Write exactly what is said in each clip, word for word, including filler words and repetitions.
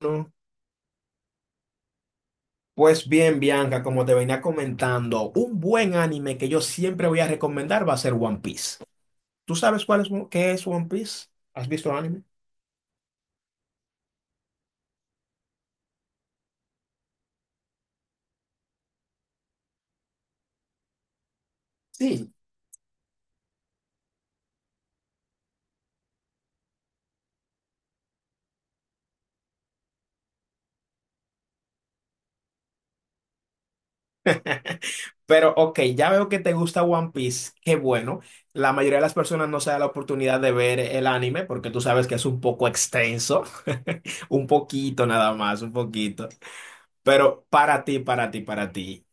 No. Pues bien, Bianca, como te venía comentando, un buen anime que yo siempre voy a recomendar va a ser One Piece. ¿Tú sabes cuál es, qué es One Piece? ¿Has visto el anime? Sí. Pero ok, ya veo que te gusta One Piece, qué bueno. La mayoría de las personas no se da la oportunidad de ver el anime porque tú sabes que es un poco extenso, un poquito nada más, un poquito. Pero para ti, para ti, para ti,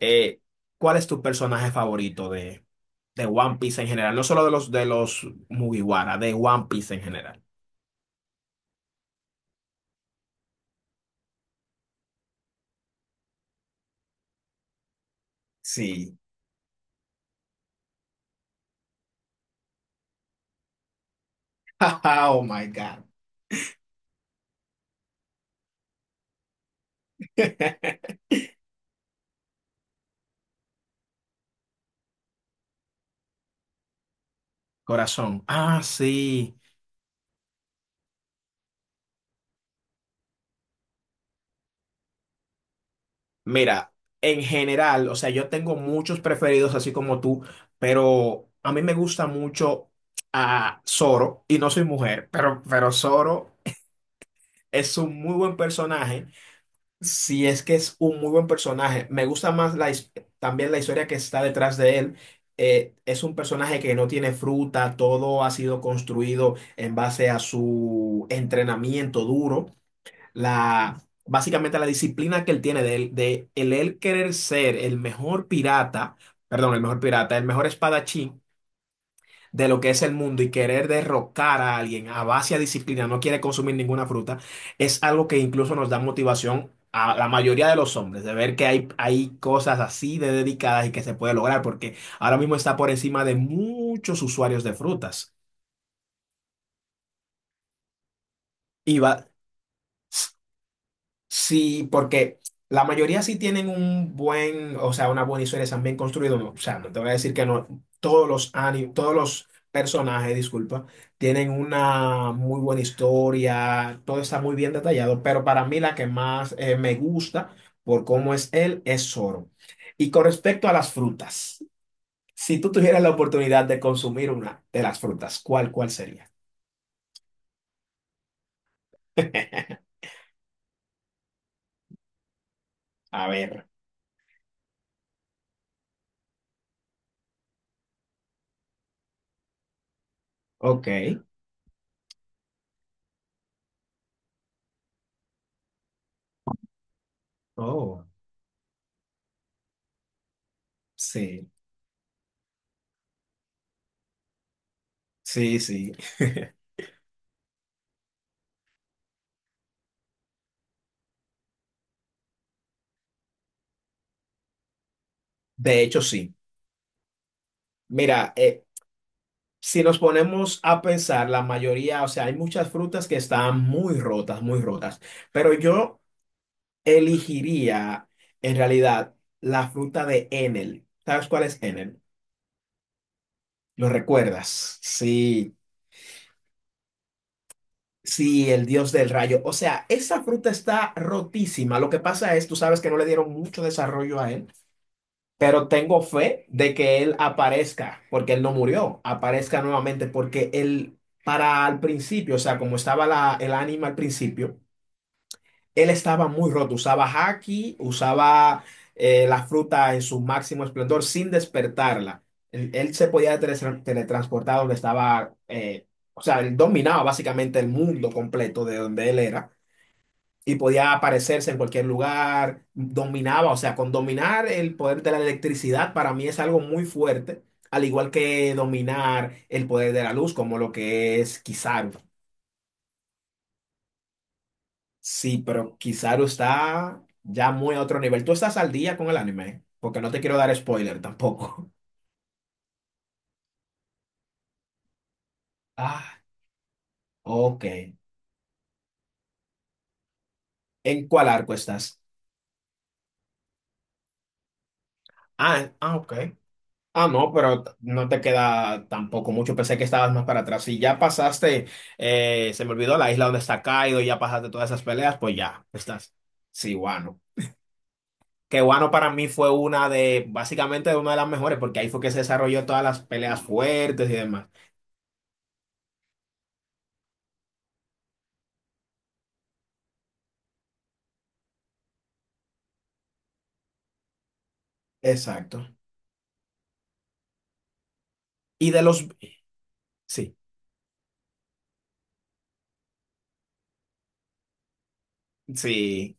eh, ¿cuál es tu personaje favorito de? de One Piece en general, no solo de los de los Mugiwara, de One Piece en general? Sí. Oh my God. Corazón. Ah, sí. Mira, en general, o sea, yo tengo muchos preferidos así como tú, pero a mí me gusta mucho a Zoro y no soy mujer, pero pero Zoro es un muy buen personaje. Si es que es un muy buen personaje. Me gusta más la, his- también la historia que está detrás de él. Eh, es un personaje que no tiene fruta, todo ha sido construido en base a su entrenamiento duro, la, básicamente la disciplina que él tiene de, él- de el él querer ser el mejor pirata, perdón, el mejor pirata, el mejor espadachín de lo que es el mundo, y querer derrocar a alguien a base de disciplina, no quiere consumir ninguna fruta. Es algo que incluso nos da motivación a la mayoría de los hombres, de ver que hay, hay cosas así de dedicadas y que se puede lograr, porque ahora mismo está por encima de muchos usuarios de frutas. Y va. Sí, porque la mayoría sí tienen un buen, o sea, una buena historia, están bien construidos, ¿no? O sea, no te voy a decir que no, todos los ani- todos los personajes, disculpa, tienen una muy buena historia, todo está muy bien detallado, pero para mí la que más eh, me gusta por cómo es él es Zoro. Y con respecto a las frutas, si tú tuvieras la oportunidad de consumir una de las frutas, ¿cuál, cuál sería? A ver, ok. Oh, sí, sí, sí. De hecho, sí. Mira, eh, si nos ponemos a pensar, la mayoría, o sea, hay muchas frutas que están muy rotas, muy rotas, pero yo elegiría en realidad la fruta de Enel. ¿Sabes cuál es Enel? ¿Lo recuerdas? Sí, sí, el dios del rayo. O sea, esa fruta está rotísima. Lo que pasa es, tú sabes que no le dieron mucho desarrollo a él. Pero tengo fe de que él aparezca, porque él no murió, aparezca nuevamente, porque él, para al principio, o sea, como estaba la, el ánima al principio, él estaba muy roto, usaba haki, usaba eh, la fruta en su máximo esplendor sin despertarla. Él, él se podía teletran- teletransportar donde estaba, eh, o sea, él dominaba básicamente el mundo completo de donde él era y podía aparecerse en cualquier lugar, dominaba, o sea, con dominar el poder de la electricidad para mí es algo muy fuerte, al igual que dominar el poder de la luz, como lo que es Kizaru. Sí, pero Kizaru está ya muy a otro nivel. Tú estás al día con el anime, ¿eh? Porque no te quiero dar spoiler tampoco. Ah, ok. ¿En cuál arco estás? Ah, ah, ok. Ah, no, pero t- no te queda tampoco mucho. Pensé que estabas más para atrás. Si ya pasaste, eh, se me olvidó la isla donde está Kaido, ya pasaste todas esas peleas, pues ya estás. Sí, Wano. Que Wano para mí fue una de, básicamente, una de las mejores, porque ahí fue que se desarrolló todas las peleas fuertes y demás. Exacto. Y de los. Sí, sí,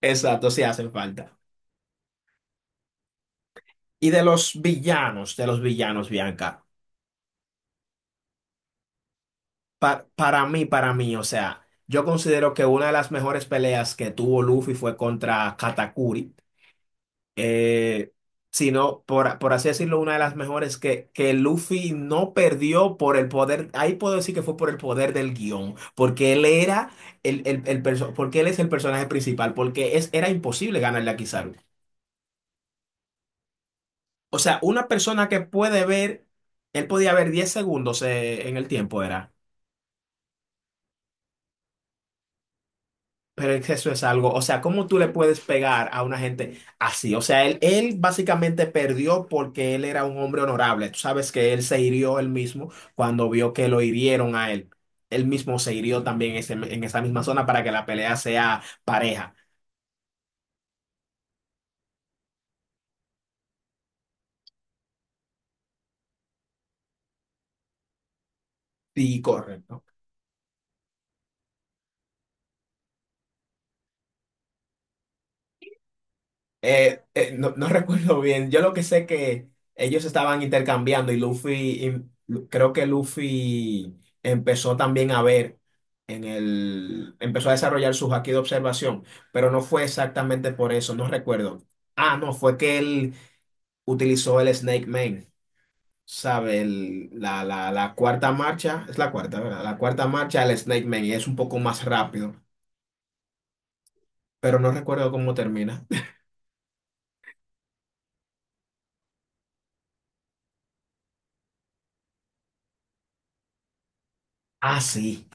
exacto, sí hacen falta. Y de los villanos, de los villanos, Bianca. Pa- para mí, para mí, o sea, yo considero que una de las mejores peleas que tuvo Luffy fue contra Katakuri. Eh, Sino, por, por así decirlo, una de las mejores que, que Luffy no perdió por el poder. Ahí puedo decir que fue por el poder del guión, porque él era el, el, el perso- porque él es el personaje principal, porque es, era imposible ganarle a Kizaru. O sea, una persona que puede ver, él podía ver diez segundos eh, en el tiempo, era. Pero es que eso es algo, o sea, ¿cómo tú le puedes pegar a una gente así? O sea, él, él básicamente perdió porque él era un hombre honorable. Tú sabes que él se hirió él mismo cuando vio que lo hirieron a él. Él mismo se hirió también ese- en esa misma zona para que la pelea sea pareja. Sí, correcto. Eh, eh, no, no recuerdo bien. Yo lo que sé que ellos estaban intercambiando y Luffy, y Lu- creo que Luffy empezó también a ver en el, empezó a desarrollar su haki de observación, pero no fue exactamente por eso, no recuerdo. Ah, no, fue que él utilizó el Snake Man, ¿sabe? El- la, la, la cuarta marcha, es la cuarta, ¿verdad? La cuarta marcha, el Snake Man, y es un poco más rápido, pero no recuerdo cómo termina. Ah, sí,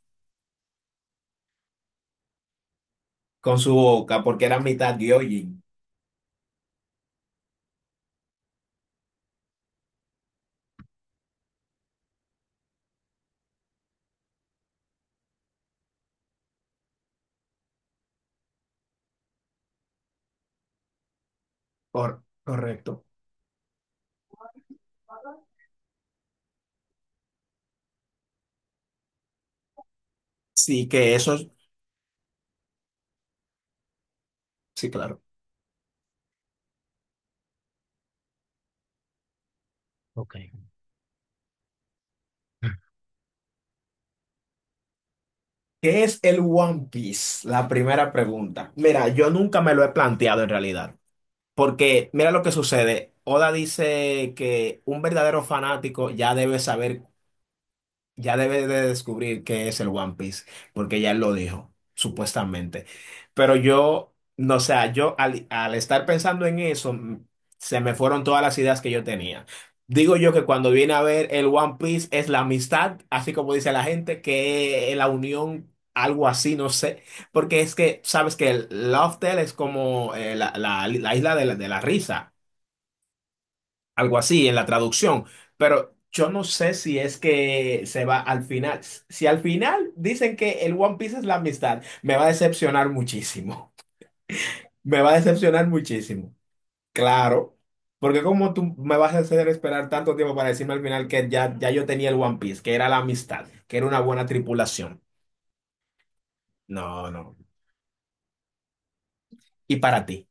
con su boca, porque era mitad Gyojin. Cor- correcto. Sí. que eso es- Sí, claro. ¿Qué es el One Piece? La primera pregunta. Mira, yo nunca me lo he planteado en realidad. Porque mira lo que sucede. Oda dice que un verdadero fanático ya debe saber Ya debe de descubrir qué es el One Piece, porque ya él lo dijo, supuestamente. Pero yo, no, o sea, yo al, al estar pensando en eso, mm, se me fueron todas las ideas que yo tenía. Digo yo que cuando viene a ver el One Piece es la amistad, así como dice la gente, que es la unión, algo así, no sé. Porque es que, sabes que el Love Tale es como eh, la, la- la isla de la, de la risa, algo así en la traducción, pero yo no sé si es que se va al final. Si al final dicen que el One Piece es la amistad, me va a decepcionar muchísimo, me va a decepcionar muchísimo, claro, porque como tú me vas a hacer esperar tanto tiempo para decirme al final que ya, ya yo tenía el One Piece, que era la amistad, que era una buena tripulación. No, no. ¿Y para ti,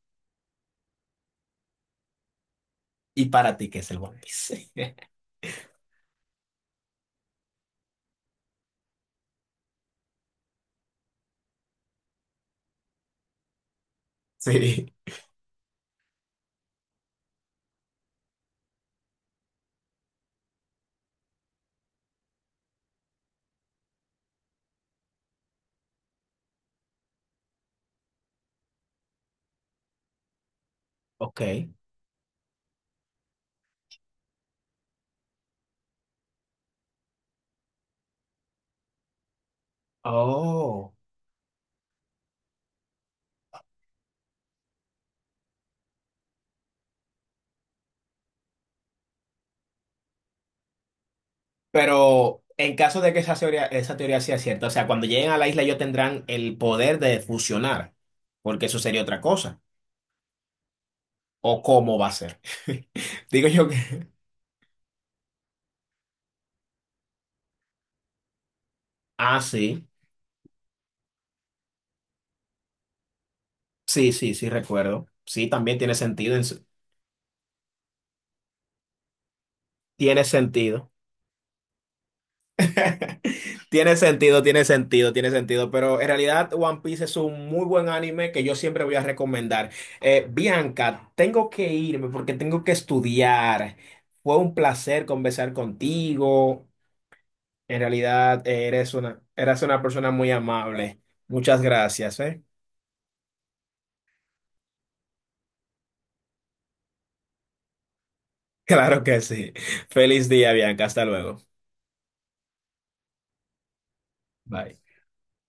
y para ti que es el One Piece? Sí, ok, oh. Pero en caso de que esa teoría, esa teoría sea cierta, o sea, cuando lleguen a la isla ellos tendrán el poder de fusionar, porque eso sería otra cosa. ¿O cómo va a ser? Digo yo que... Ah, sí, sí, sí, sí, recuerdo. Sí, también tiene sentido. en su- Tiene sentido. Tiene sentido, tiene sentido, tiene sentido, pero en realidad One Piece es un muy buen anime que yo siempre voy a recomendar. Eh, Bianca, tengo que irme porque tengo que estudiar. Fue un placer conversar contigo. En realidad eh, eres una, eres una, persona muy amable. Muchas gracias, ¿eh? Claro que sí. Feliz día, Bianca. Hasta luego. Bye.